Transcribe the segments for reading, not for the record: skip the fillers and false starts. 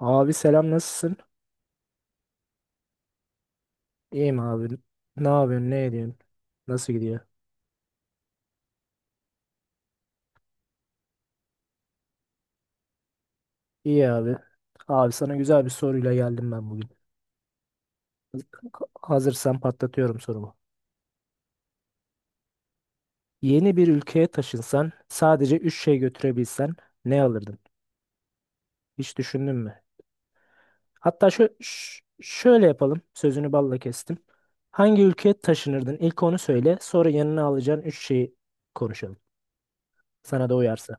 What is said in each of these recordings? Abi selam, nasılsın? İyiyim abi. Ne yapıyorsun? Ne ediyorsun? Nasıl gidiyor? İyi abi. Abi, sana güzel bir soruyla geldim ben bugün. Hazırsan patlatıyorum sorumu. Yeni bir ülkeye taşınsan, sadece 3 şey götürebilsen ne alırdın? Hiç düşündün mü? Hatta şöyle yapalım. Sözünü balla kestim. Hangi ülkeye taşınırdın? İlk onu söyle. Sonra yanına alacağın 3 şeyi konuşalım. Sana da uyarsa.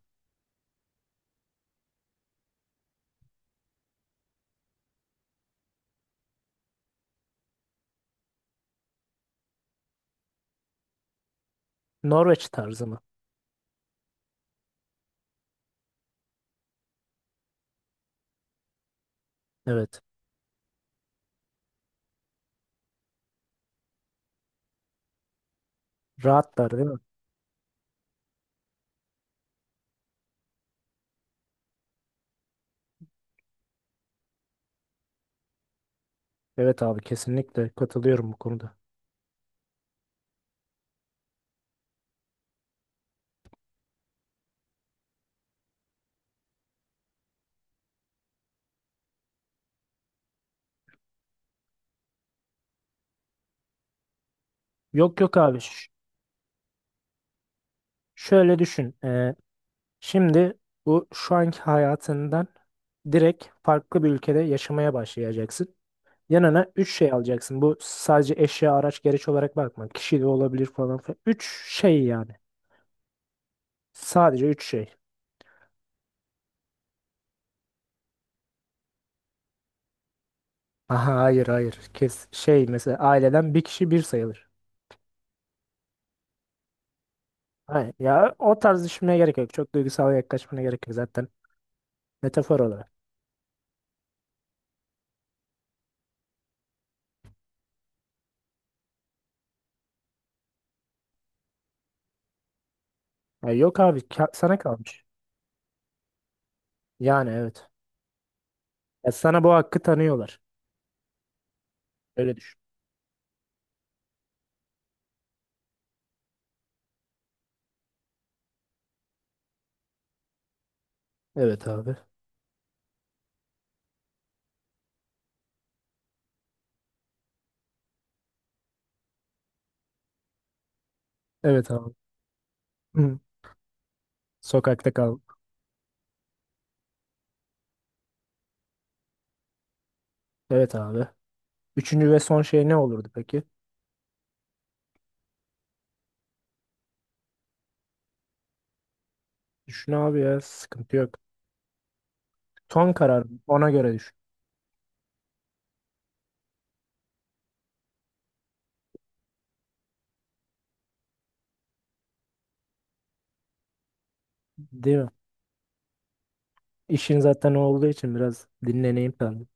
Norveç tarzı mı? Evet. Rahatlar değil mi? Evet abi, kesinlikle katılıyorum bu konuda. Yok yok abi, şöyle düşün. Şimdi bu şu anki hayatından direkt farklı bir ülkede yaşamaya başlayacaksın. Yanına 3 şey alacaksın. Bu sadece eşya, araç, gereç olarak bakma. Kişi de olabilir, falan filan. 3 şey yani. Sadece 3 şey. Aha, hayır hayır. Kes şey, mesela aileden bir kişi bir sayılır. Hayır, ya o tarz düşünmeye gerek yok. Çok duygusal yaklaşmana gerek yok zaten. Metafor olarak. Ya yok abi, sana kalmış. Yani evet. Ya sana bu hakkı tanıyorlar. Öyle düşün. Evet abi. Evet abi. Hı. Sokakta kal. Evet abi. Üçüncü ve son şey ne olurdu peki? Düşün abi, ya sıkıntı yok. Son karar mı? Ona göre düşün. Değil mi? İşin zaten olduğu için biraz dinleneyim ben.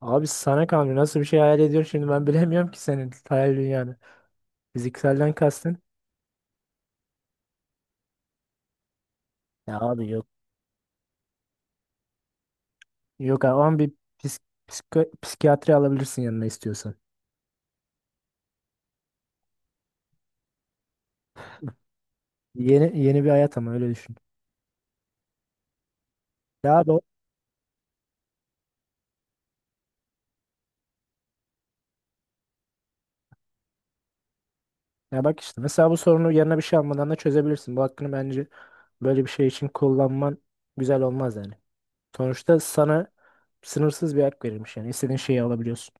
Abi sana kalmıyor. Nasıl bir şey hayal ediyorsun şimdi, ben bilemiyorum ki senin hayal dünyanı. Fizikselden kastın. Ya abi, yok. Yok abi, ama bir psik- psikiyatri alabilirsin yanına istiyorsan. Yeni yeni bir hayat, ama öyle düşün. Ya abi. Ya bak işte, mesela bu sorunu yanına bir şey almadan da çözebilirsin. Bu hakkını bence böyle bir şey için kullanman güzel olmaz yani. Sonuçta sana sınırsız bir hak verilmiş, yani istediğin şeyi alabiliyorsun.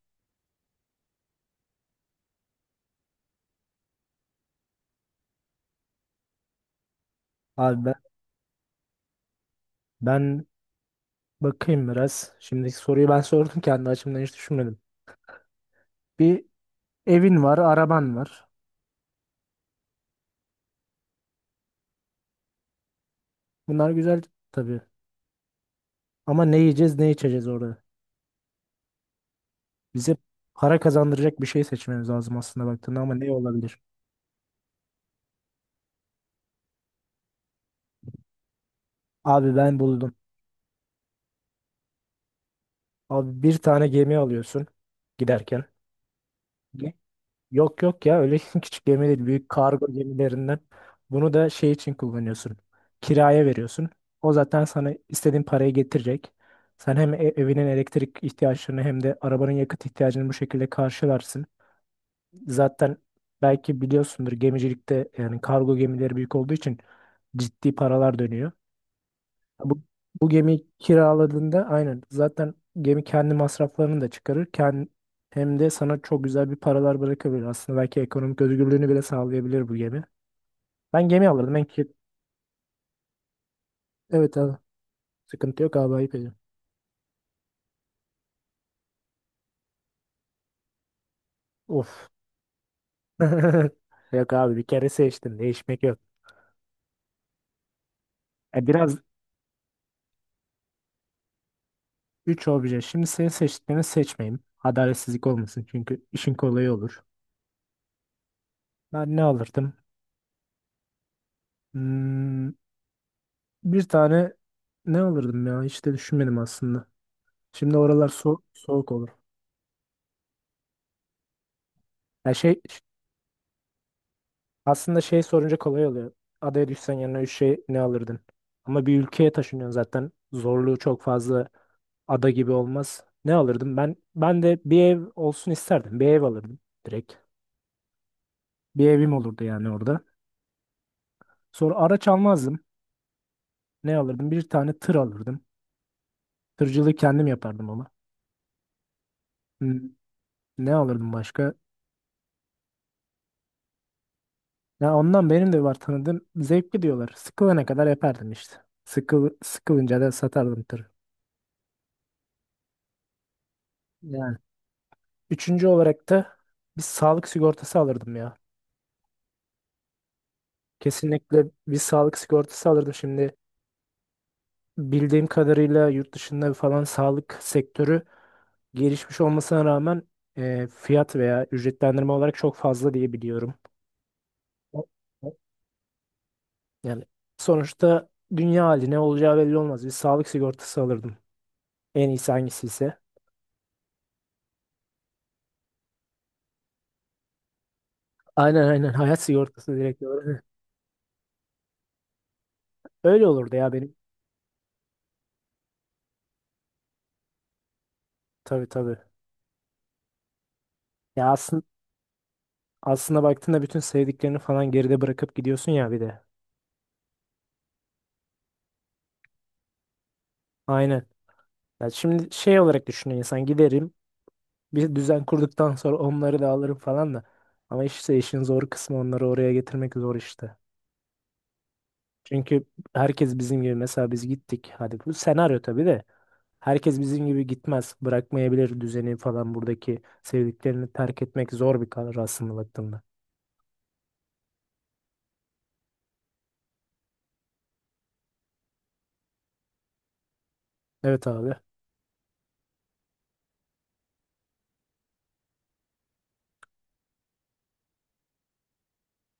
Abi ben bakayım biraz. Şimdiki soruyu ben sordum, kendi açımdan hiç düşünmedim. Bir evin var, araban var. Bunlar güzel tabii. Ama ne yiyeceğiz, ne içeceğiz orada? Bize para kazandıracak bir şey seçmemiz lazım aslında baktığında, ama ne olabilir? Abi, ben buldum. Abi, bir tane gemi alıyorsun giderken. Yok yok ya, öyle küçük gemi değil, büyük kargo gemilerinden. Bunu da şey için kullanıyorsun. Kiraya veriyorsun. O zaten sana istediğin parayı getirecek. Sen hem evinin elektrik ihtiyaçlarını, hem de arabanın yakıt ihtiyacını bu şekilde karşılarsın. Zaten belki biliyorsundur, gemicilikte yani kargo gemileri büyük olduğu için ciddi paralar dönüyor. Bu, bu gemiyi kiraladığında aynen zaten gemi kendi masraflarını da çıkarır. Hem de sana çok güzel bir paralar bırakabilir. Aslında belki ekonomik özgürlüğünü bile sağlayabilir bu gemi. Ben gemi alırdım. En ki- Evet abi. Sıkıntı yok abi, ayıp ediyorum. Of. Yok abi, bir kere seçtim. Değişmek yok. E, biraz 3 obje. Şimdi senin seçtiklerini seçmeyeyim. Adaletsizlik olmasın, çünkü işin kolayı olur. Ben ne alırdım? Hmm, bir tane ne alırdım ya? Hiç de düşünmedim aslında. Şimdi oralar soğuk olur. Ya şey, aslında şey sorunca kolay oluyor. Adaya düşsen yanına üç şey ne alırdın? Ama bir ülkeye taşınıyorsun zaten. Zorluğu çok fazla ada gibi olmaz. Ne alırdım? Ben de bir ev olsun isterdim. Bir ev alırdım direkt. Bir evim olurdu yani orada. Sonra araç almazdım. Ne alırdım? Bir tane tır alırdım. Tırcılığı kendim yapardım ama. Hmm, ne alırdım başka? Ya ondan benim de var tanıdığım, zevkli diyorlar. Sıkılana kadar yapardım işte. Sıkılınca da satardım tırı. Yani. Üçüncü olarak da bir sağlık sigortası alırdım ya. Kesinlikle bir sağlık sigortası alırdım. Şimdi bildiğim kadarıyla yurt dışında falan sağlık sektörü gelişmiş olmasına rağmen, fiyat veya ücretlendirme olarak çok fazla diye biliyorum. O- o- Yani sonuçta dünya hali, ne olacağı belli olmaz. Bir sağlık sigortası alırdım. En iyisi hangisi ise. Aynen aynen, hayat sigortası direkt olarak. Öyle olurdu ya benim. Tabii tabii. Ya aslında, aslında baktığında bütün sevdiklerini falan geride bırakıp gidiyorsun ya bir de. Aynen. Ya şimdi şey olarak düşünüyor insan, giderim bir düzen kurduktan sonra onları da alırım falan da. Ama işte işin zor kısmı, onları oraya getirmek zor işte. Çünkü herkes bizim gibi, mesela biz gittik. Hadi bu senaryo tabii de. Herkes bizim gibi gitmez. Bırakmayabilir düzeni falan, buradaki sevdiklerini terk etmek zor bir karar aslında baktığında. Evet abi.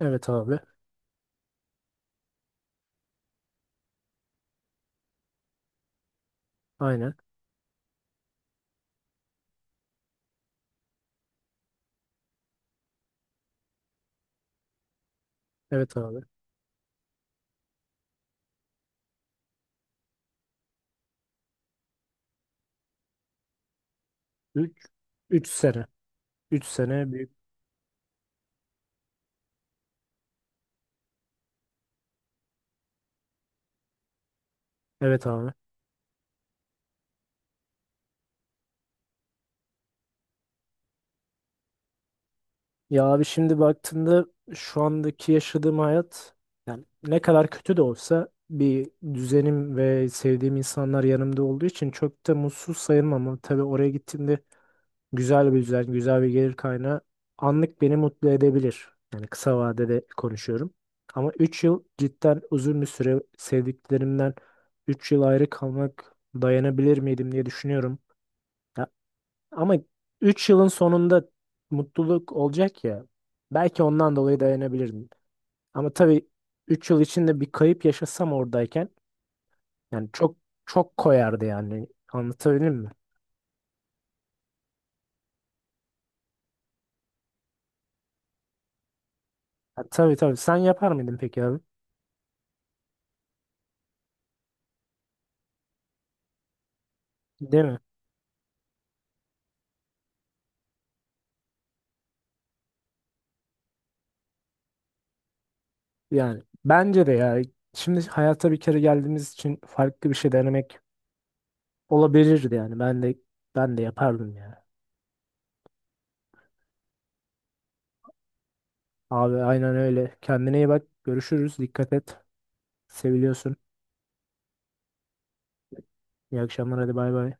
Evet abi. Aynen. Evet abi. 3 3 sene. 3 sene büyük. Evet abi. Ya abi, şimdi baktığında şu andaki yaşadığım hayat yani ne kadar kötü de olsa, bir düzenim ve sevdiğim insanlar yanımda olduğu için çok da mutsuz sayılmam, ama tabii oraya gittiğimde güzel bir düzen, güzel bir gelir kaynağı anlık beni mutlu edebilir. Yani kısa vadede konuşuyorum. Ama 3 yıl cidden uzun bir süre, sevdiklerimden 3 yıl ayrı kalmak dayanabilir miydim diye düşünüyorum. Ya ama 3 yılın sonunda mutluluk olacak ya. Belki ondan dolayı dayanabilirdim. Ama tabii 3 yıl içinde bir kayıp yaşasam oradayken, yani çok çok koyardı yani. Anlatabildim mi? Ha, tabii tabii. Sen yapar mıydın peki abi? Değil mi? Yani bence de ya. Şimdi hayata bir kere geldiğimiz için farklı bir şey denemek olabilirdi yani. Ben de yapardım ya. Abi aynen öyle. Kendine iyi bak. Görüşürüz. Dikkat et. Seviliyorsun. İyi akşamlar. Hadi bay bay.